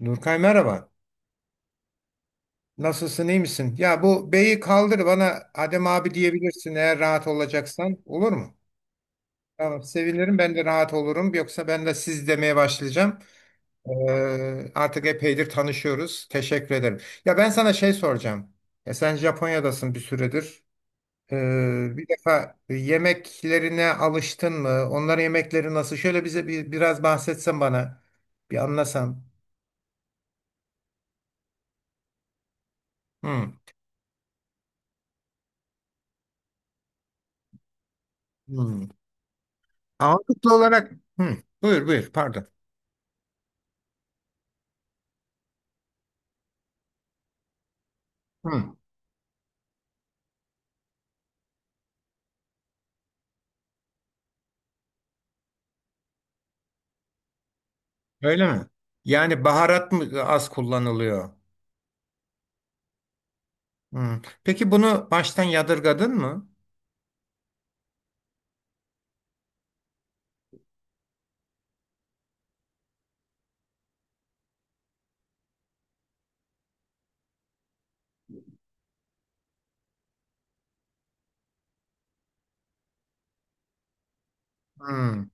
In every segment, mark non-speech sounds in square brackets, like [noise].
Nurkay merhaba. Nasılsın, iyi misin? Ya bu beyi kaldır bana Adem abi diyebilirsin eğer rahat olacaksan. Olur mu? Tamam, sevinirim. Ben de rahat olurum. Yoksa ben de siz demeye başlayacağım. Artık epeydir tanışıyoruz. Teşekkür ederim. Ya ben sana şey soracağım. Ya sen Japonya'dasın bir süredir. Bir defa yemeklerine alıştın mı? Onların yemekleri nasıl? Şöyle bize biraz bahsetsen bana. Bir anlasam. Hmm. Hmm. Ağırlıklı olarak. Hı, buyur buyur pardon. Hı, öyle mi? Yani baharat mı az kullanılıyor? Hı. Peki bunu baştan yadırgadın mı? Hı,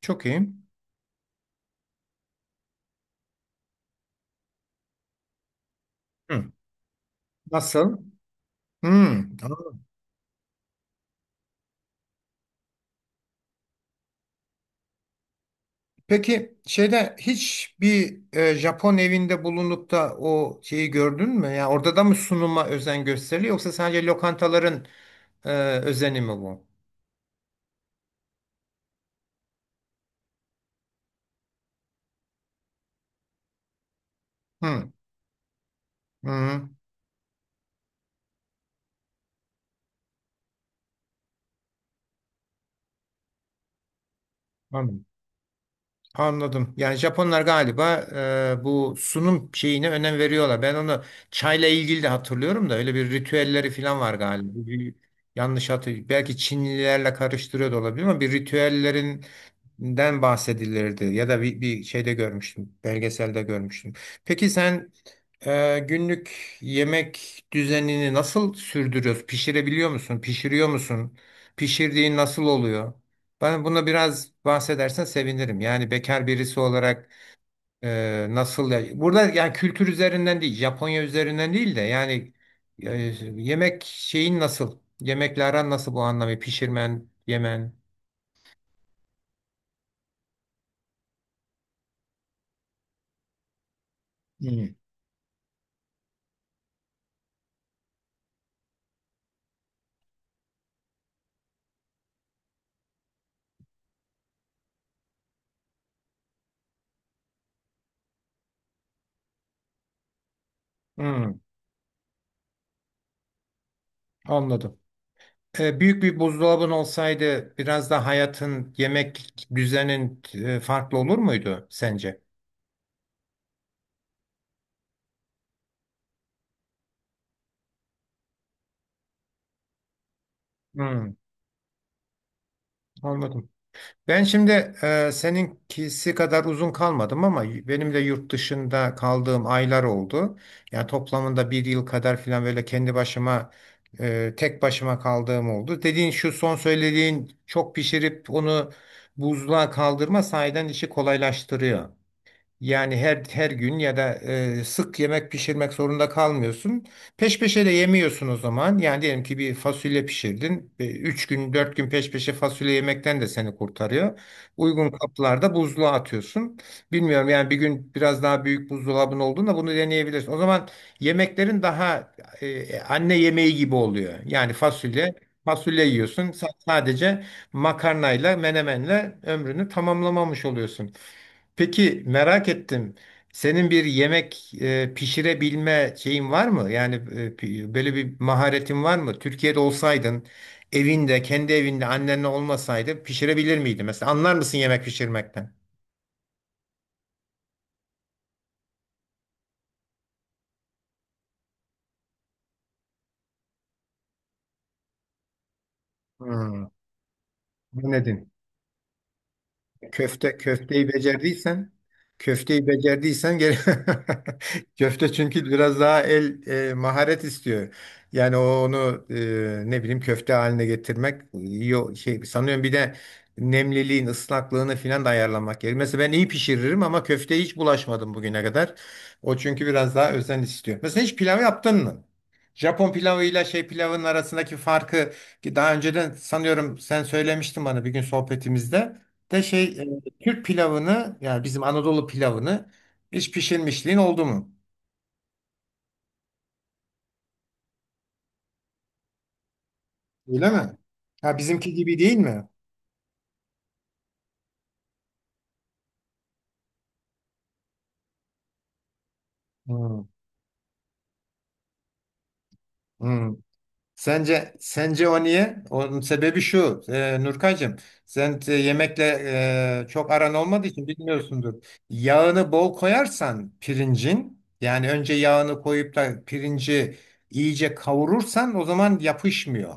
çok iyi. Hı. Nasıl? Hı. Tamam. Peki şeyde hiç bir Japon evinde bulunup da o şeyi gördün mü? Yani orada da mı sunuma özen gösteriliyor yoksa sadece lokantaların e, özeni mi bu? Hı, hı, anladım. Anladım. Yani Japonlar galiba bu sunum şeyine önem veriyorlar. Ben onu çayla ilgili de hatırlıyorum da öyle bir ritüelleri falan var galiba. Yanlış hatırlıyorum. Belki Çinlilerle karıştırıyor da olabilir ama bir ritüellerin den bahsedilirdi ya da bir şeyde görmüştüm, belgeselde görmüştüm. Peki sen günlük yemek düzenini nasıl sürdürüyorsun? Pişirebiliyor musun? Pişiriyor musun? Pişirdiğin nasıl oluyor? Bana buna biraz bahsedersen sevinirim. Yani bekar birisi olarak nasıl burada yani kültür üzerinden değil, Japonya üzerinden değil de yani e, yemek şeyin nasıl? Yemekle aran nasıl bu anlamı? Pişirmen, yemen. Hmm. Hmm, anladım. Büyük bir buzdolabın olsaydı biraz da hayatın, yemek düzenin farklı olur muydu sence? Hmm, anladım. Ben şimdi seninkisi kadar uzun kalmadım ama benim de yurt dışında kaldığım aylar oldu. Yani toplamında bir yıl kadar falan böyle kendi başıma, tek başıma kaldığım oldu. Dediğin şu son söylediğin çok pişirip onu buzluğa kaldırma sahiden işi kolaylaştırıyor. Yani her gün ya da sık yemek pişirmek zorunda kalmıyorsun. Peş peşe de yemiyorsun o zaman. Yani diyelim ki bir fasulye pişirdin. Üç gün, 4 gün peş peşe fasulye yemekten de seni kurtarıyor. Uygun kaplarda buzluğa atıyorsun. Bilmiyorum yani bir gün biraz daha büyük buzdolabın olduğunda bunu deneyebilirsin. O zaman yemeklerin daha anne yemeği gibi oluyor. Yani fasulye, fasulye yiyorsun. Sadece makarnayla, menemenle ömrünü tamamlamamış oluyorsun. Peki merak ettim. Senin bir yemek pişirebilme şeyin var mı? Yani böyle bir maharetin var mı? Türkiye'de olsaydın, evinde, kendi evinde annenle olmasaydı pişirebilir miydin? Mesela anlar mısın yemek pişirmekten? Hmm. Anladın. Köfte köfteyi becerdiysen köfteyi becerdiysen gene [laughs] köfte çünkü biraz daha el maharet istiyor. Yani onu ne bileyim köfte haline getirmek yo, şey sanıyorum bir de nemliliğin ıslaklığını filan da ayarlamak gerekiyor. Mesela ben iyi pişiririm ama köfteye hiç bulaşmadım bugüne kadar. O çünkü biraz daha özen istiyor. Mesela hiç pilav yaptın mı? Japon pilavıyla şey pilavın arasındaki farkı ki daha önceden sanıyorum sen söylemiştin bana bir gün sohbetimizde de şey Türk pilavını yani bizim Anadolu pilavını hiç pişirmişliğin oldu mu? Öyle mi? Ha bizimki gibi değil mi? Hmm, hmm. Sence o niye? Onun sebebi şu. Nurkacığım, sen yemekle çok aran olmadığı için bilmiyorsundur. Yağını bol koyarsan pirincin yani önce yağını koyup da pirinci iyice kavurursan o zaman yapışmıyor.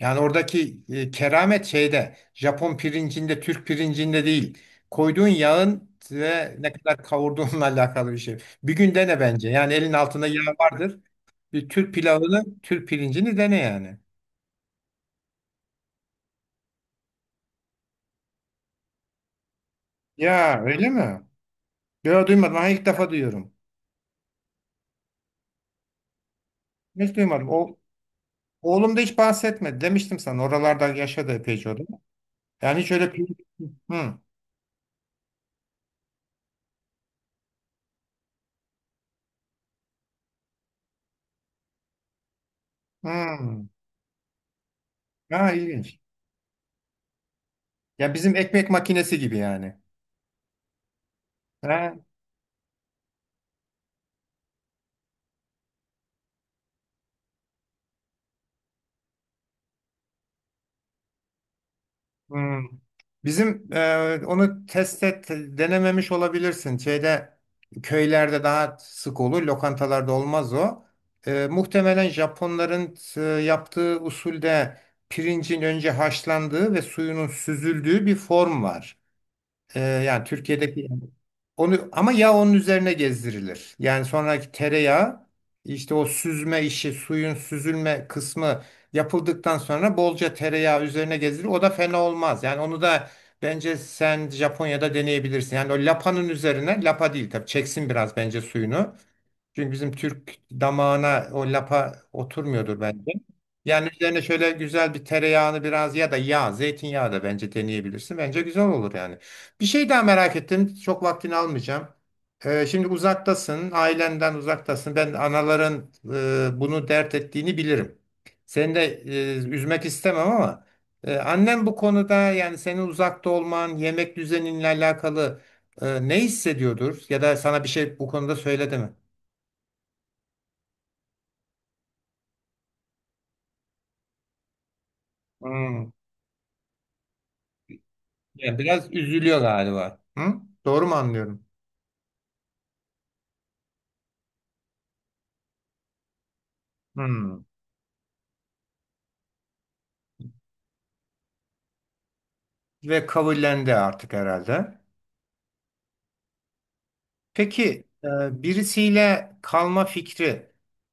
Yani oradaki keramet şeyde Japon pirincinde, Türk pirincinde değil. Koyduğun yağın ve ne kadar kavurduğunla [laughs] alakalı bir şey. Bir gün dene bence. Yani elin altında yağ vardır. Bir Türk pilavını, Türk pirincini dene yani. Ya öyle mi? Böyle duymadım. Ha, ilk defa duyuyorum. Hiç duymadım. Oğlum da hiç bahsetmedi. Demiştim sana. Oralarda yaşadı epeyce o da. Yani hiç öyle... Hı hı. Ha, ilginç. Ya bizim ekmek makinesi gibi yani. Ha? Hmm. Bizim onu test et denememiş olabilirsin. Şeyde köylerde daha sık olur, lokantalarda olmaz o. Muhtemelen Japonların yaptığı usulde pirincin önce haşlandığı ve suyunun süzüldüğü bir form var. Yani Türkiye'deki onu ama yağ onun üzerine gezdirilir. Yani sonraki tereyağı işte o süzme işi, suyun süzülme kısmı yapıldıktan sonra bolca tereyağı üzerine gezdirilir. O da fena olmaz. Yani onu da bence sen Japonya'da deneyebilirsin. Yani o lapanın üzerine, lapa değil tabii çeksin biraz bence suyunu. Çünkü bizim Türk damağına o lapa oturmuyordur bence. Yani üzerine şöyle güzel bir tereyağını biraz ya da yağ, zeytinyağı da bence deneyebilirsin. Bence güzel olur yani. Bir şey daha merak ettim. Çok vaktini almayacağım. Şimdi uzaktasın, ailenden uzaktasın. Ben anaların bunu dert ettiğini bilirim. Seni de üzmek istemem ama annem bu konuda yani senin uzakta olman, yemek düzeninle alakalı ne hissediyordur? Ya da sana bir şey bu konuda söyledi mi? Hmm. Yani biraz üzülüyor galiba. Hı? Doğru mu anlıyorum? Hmm. Ve kabullendi artık herhalde. Peki birisiyle kalma fikri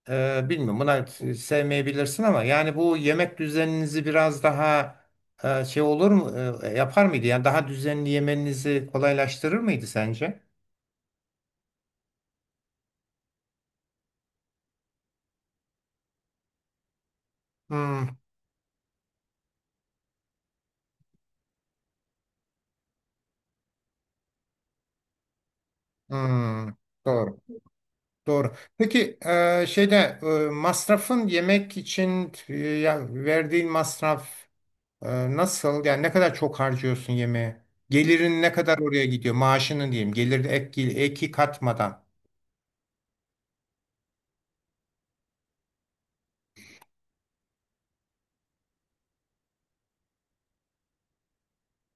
bilmiyorum buna sevmeyebilirsin ama yani bu yemek düzeninizi biraz daha şey olur mu yapar mıydı? Yani daha düzenli yemenizi kolaylaştırır mıydı sence? Hmm. Hmm. Doğru. Doğru. Peki şeyde masrafın yemek için ya verdiğin masraf. Nasıl? Yani ne kadar çok harcıyorsun yemeğe? Gelirin ne kadar oraya gidiyor? Maaşının diyeyim. Gelir eki katmadan.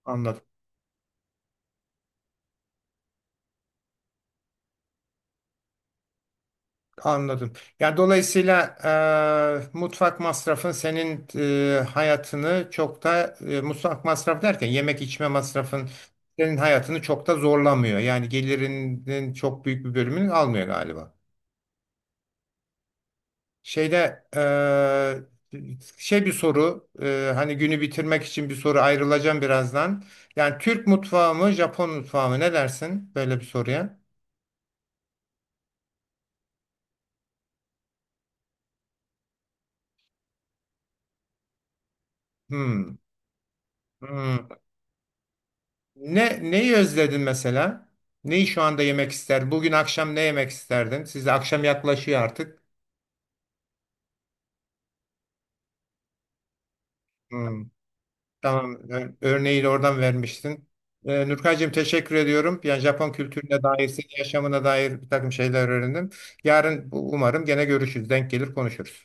Anladım. Anladım. Yani dolayısıyla mutfak masrafın senin hayatını çok da mutfak masrafı derken yemek içme masrafın senin hayatını çok da zorlamıyor. Yani gelirinin çok büyük bir bölümünü almıyor galiba. Şeyde eee, şey bir soru hani günü bitirmek için bir soru ayrılacağım birazdan. Yani Türk mutfağı mı Japon mutfağı mı ne dersin böyle bir soruya? Hmm, hmm. Neyi özledin mesela? Neyi şu anda yemek ister? Bugün akşam ne yemek isterdin? Siz de akşam yaklaşıyor artık. Hmm. Tamam. Örneği de oradan vermiştin. Nurkaycığım teşekkür ediyorum. Yani Japon kültürüne dair, senin yaşamına dair bir takım şeyler öğrendim. Yarın umarım gene görüşürüz. Denk gelir konuşuruz.